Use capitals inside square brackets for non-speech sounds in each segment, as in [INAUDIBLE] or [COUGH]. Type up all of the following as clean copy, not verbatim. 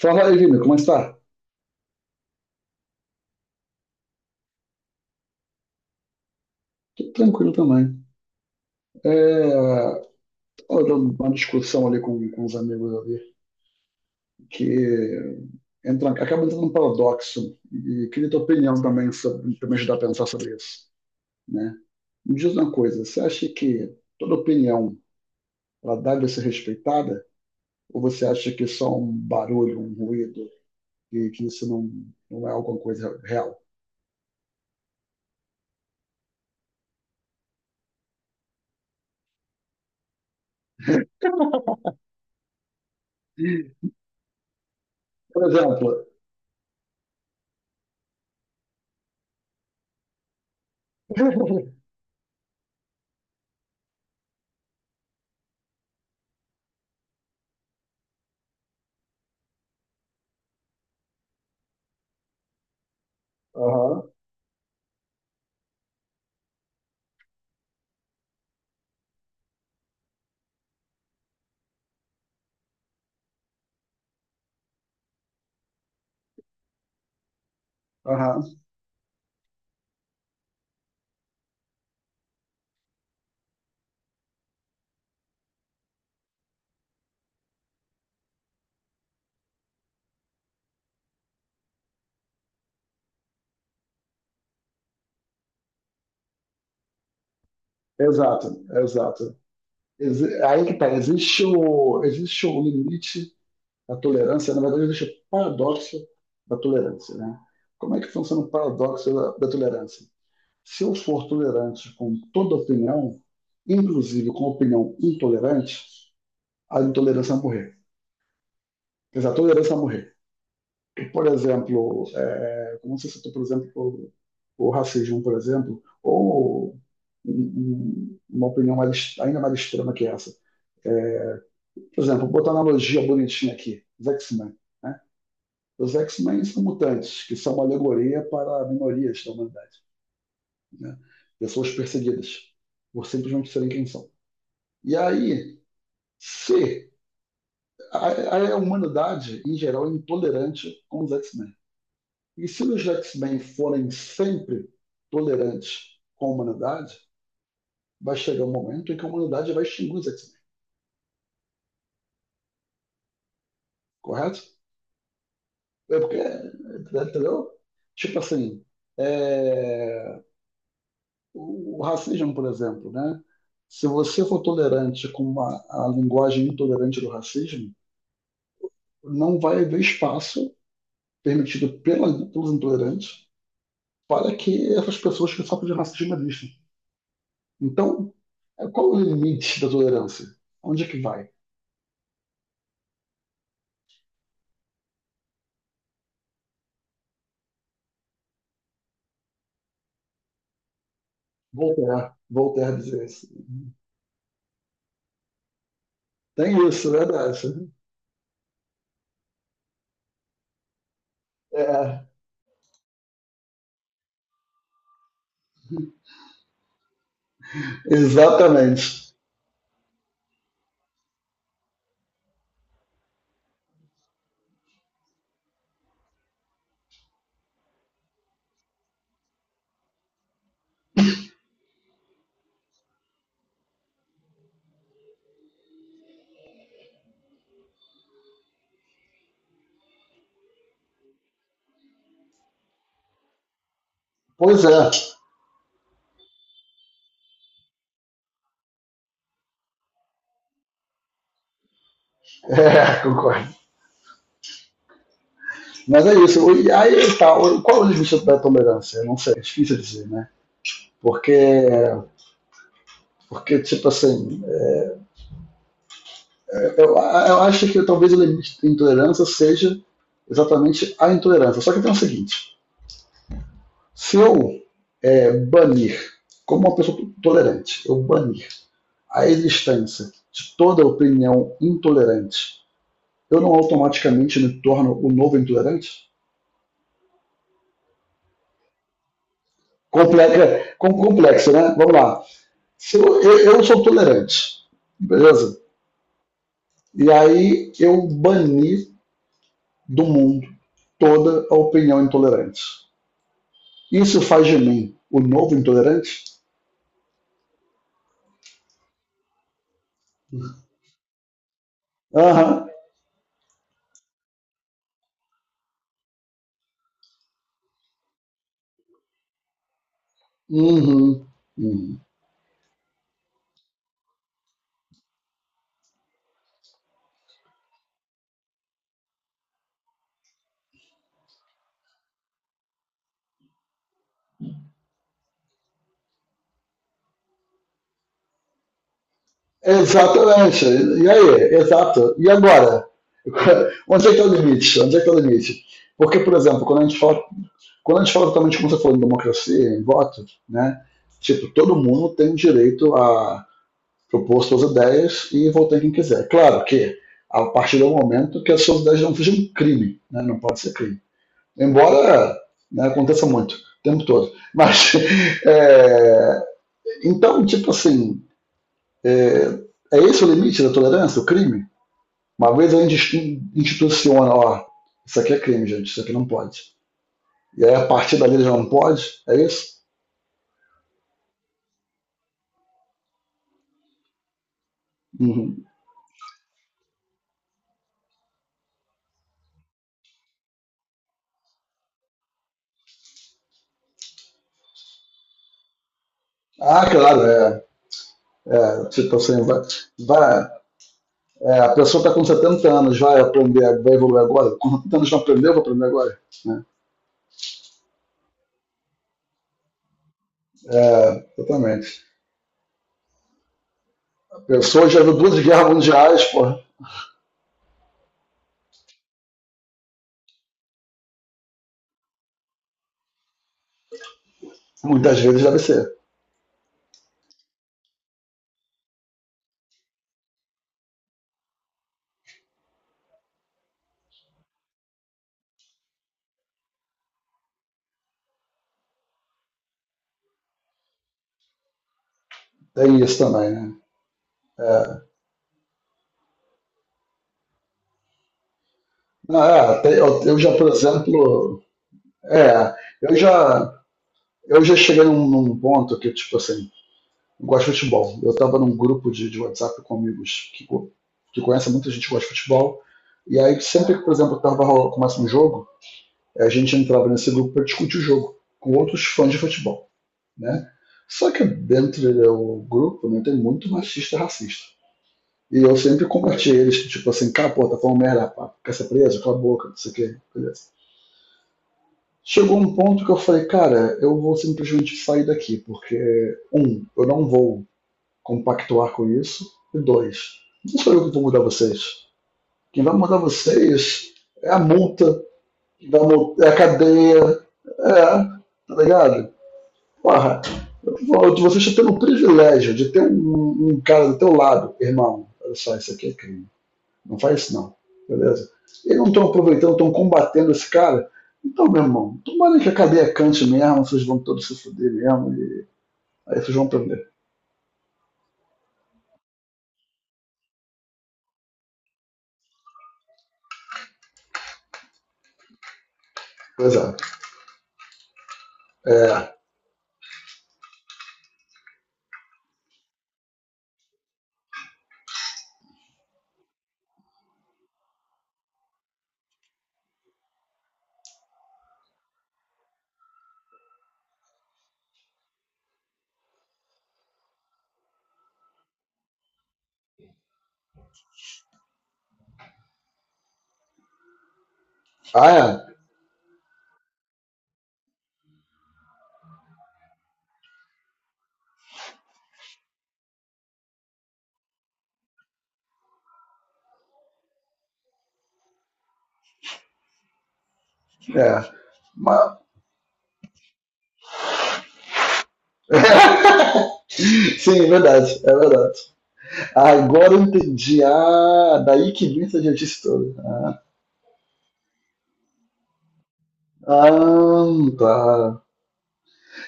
Fala aí, Vini, como é que tá? Tô tranquilo também. É, Tava dando uma discussão ali com os amigos ali, que entra, acaba entrando num paradoxo, e queria tua opinião também sobre, pra me ajudar a pensar sobre isso, né? Me diz uma coisa, você acha que toda opinião, ela deve ser respeitada? Ou você acha que só um barulho, um ruído, e que não é alguma coisa real? Por exemplo, [LAUGHS] aham, aham, exato, exato. Aí que tá, existe o limite da tolerância, na verdade existe o paradoxo da tolerância, né? Como é que funciona o paradoxo da tolerância? Se eu for tolerante com toda opinião, inclusive com opinião intolerante, a intolerância vai morrer. Quer dizer, a tolerância vai morrer. Por exemplo, como você citou, por exemplo, o racismo, por exemplo, ou uma opinião ainda mais extrema que essa é, por exemplo, vou botar uma analogia bonitinha aqui, os X-Men. Né? Os X-Men são mutantes, que são uma alegoria para minorias da humanidade, né? Pessoas perseguidas por simplesmente serem quem são. E aí, se a humanidade, em geral, é intolerante com os X-Men. E se os X-Men forem sempre tolerantes com a humanidade, vai chegar um momento em que a humanidade vai extinguir os X-Men, correto? É porque, entendeu? Tipo assim, é, o racismo, por exemplo, né? Se você for tolerante com uma, a linguagem intolerante do racismo, não vai haver espaço permitido pelos intolerantes para que essas pessoas que sofrem de racismo existam. Então, qual é o limite da tolerância? Onde é que vai? Voltaire, Voltaire dizer isso. Tem isso, verdade. É, exatamente. Pois é, [LAUGHS] é, concordo. Mas é isso. E aí tá, qual é o limite da tolerância? Não sei, é difícil dizer, né? Porque Porque, tipo assim, eu acho que talvez o limite de intolerância seja exatamente a intolerância. Só que tem o seguinte: se eu banir, como uma pessoa tolerante, eu banir a existência de toda opinião intolerante, eu não automaticamente me torno o novo intolerante? Complexa, complexo, né? Vamos lá. Se eu sou tolerante, beleza? E aí eu bani do mundo toda a opinião intolerante. Isso faz de mim o novo intolerante? Aham. Uhum. Uhum. Exatamente. E aí? Exato. E agora? [LAUGHS] Onde é que está o limite? Onde é que está o limite? Porque, por exemplo, quando a gente fala totalmente como você falou, em democracia, em voto, né? Tipo, todo mundo tem direito a propor suas ideias e votar em quem quiser. Claro que a partir do momento que as suas ideias não sejam um crime, né? Não pode ser crime. Embora né, aconteça muito, o tempo todo. [LAUGHS] Mas, é, então, tipo assim, é, é esse o limite da tolerância, o crime? Uma vez a gente instituciona, ó, isso aqui é crime, gente, isso aqui não pode. E aí a partir dali já não pode, é isso? Uhum. Ah, claro, é. É tipo assim, vai, é, a pessoa está com 70 anos, vai aprender, vai evoluir agora. Com 70 anos não aprendeu, vai aprender agora. Né? É, exatamente. A pessoa já viu duas guerras mundiais, pô. Muitas vezes deve ser. Tem isso também, né? É. Eu já, por exemplo, é, eu já, Eu já cheguei num ponto que, tipo assim, eu gosto de futebol. Eu estava num grupo de WhatsApp com amigos que conhecem muita gente que gosta de futebol. E aí, sempre que, por exemplo, começa um jogo, a gente entrava nesse grupo para discutir o jogo com outros fãs de futebol, né? Só que dentro do grupo, né, tem muito machista e racista. E eu sempre combati eles, tipo assim, cara, pô, tá falando merda, pá, quer ser preso? Cala a boca, não sei o quê, beleza. Chegou um ponto que eu falei, cara, eu vou simplesmente sair daqui, porque, um, eu não vou compactuar com isso, e dois, não sou eu que vou mudar vocês. Quem vai mudar vocês é a multa, quem vai mudar, é a cadeia, é, tá ligado? Porra, vocês estão tendo o privilégio de ter um cara do teu lado, irmão, olha só, isso aqui é crime. Não faz isso não. Beleza? Eles não estão aproveitando, estão combatendo esse cara. Então, meu irmão, tomara que a cadeia cante mesmo, vocês vão todos se fuder mesmo, e aí vocês vão aprender. Pois é. É. Ah, é? É. Mas, sim, é verdade, é verdade. Ah, agora eu entendi. Ah, daí que vem essa idiotice toda. Ah, ah, tá.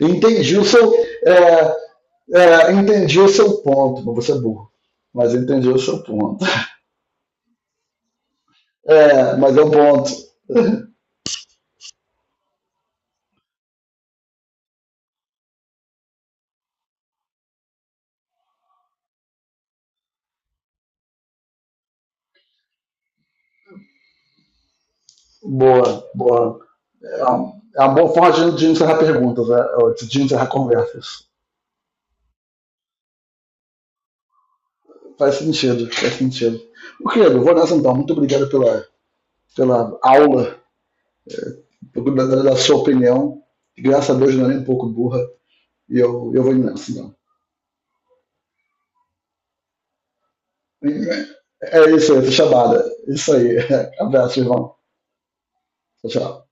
Entendi o seu. É, Entendi o seu ponto, mas você é burro. Mas entendi o seu ponto. É, mas é um ponto. Boa, boa. É uma boa forma de encerrar perguntas, né? De encerrar conversas. Faz sentido, faz sentido. O que credo, vou nessa então. Muito obrigado pela aula, pela sua opinião. Graças a Deus não é nem um pouco burra. E eu vou nessa então. É isso aí, essa chamada. Isso aí. [LAUGHS] Abraço, irmão. Tchau, tchau.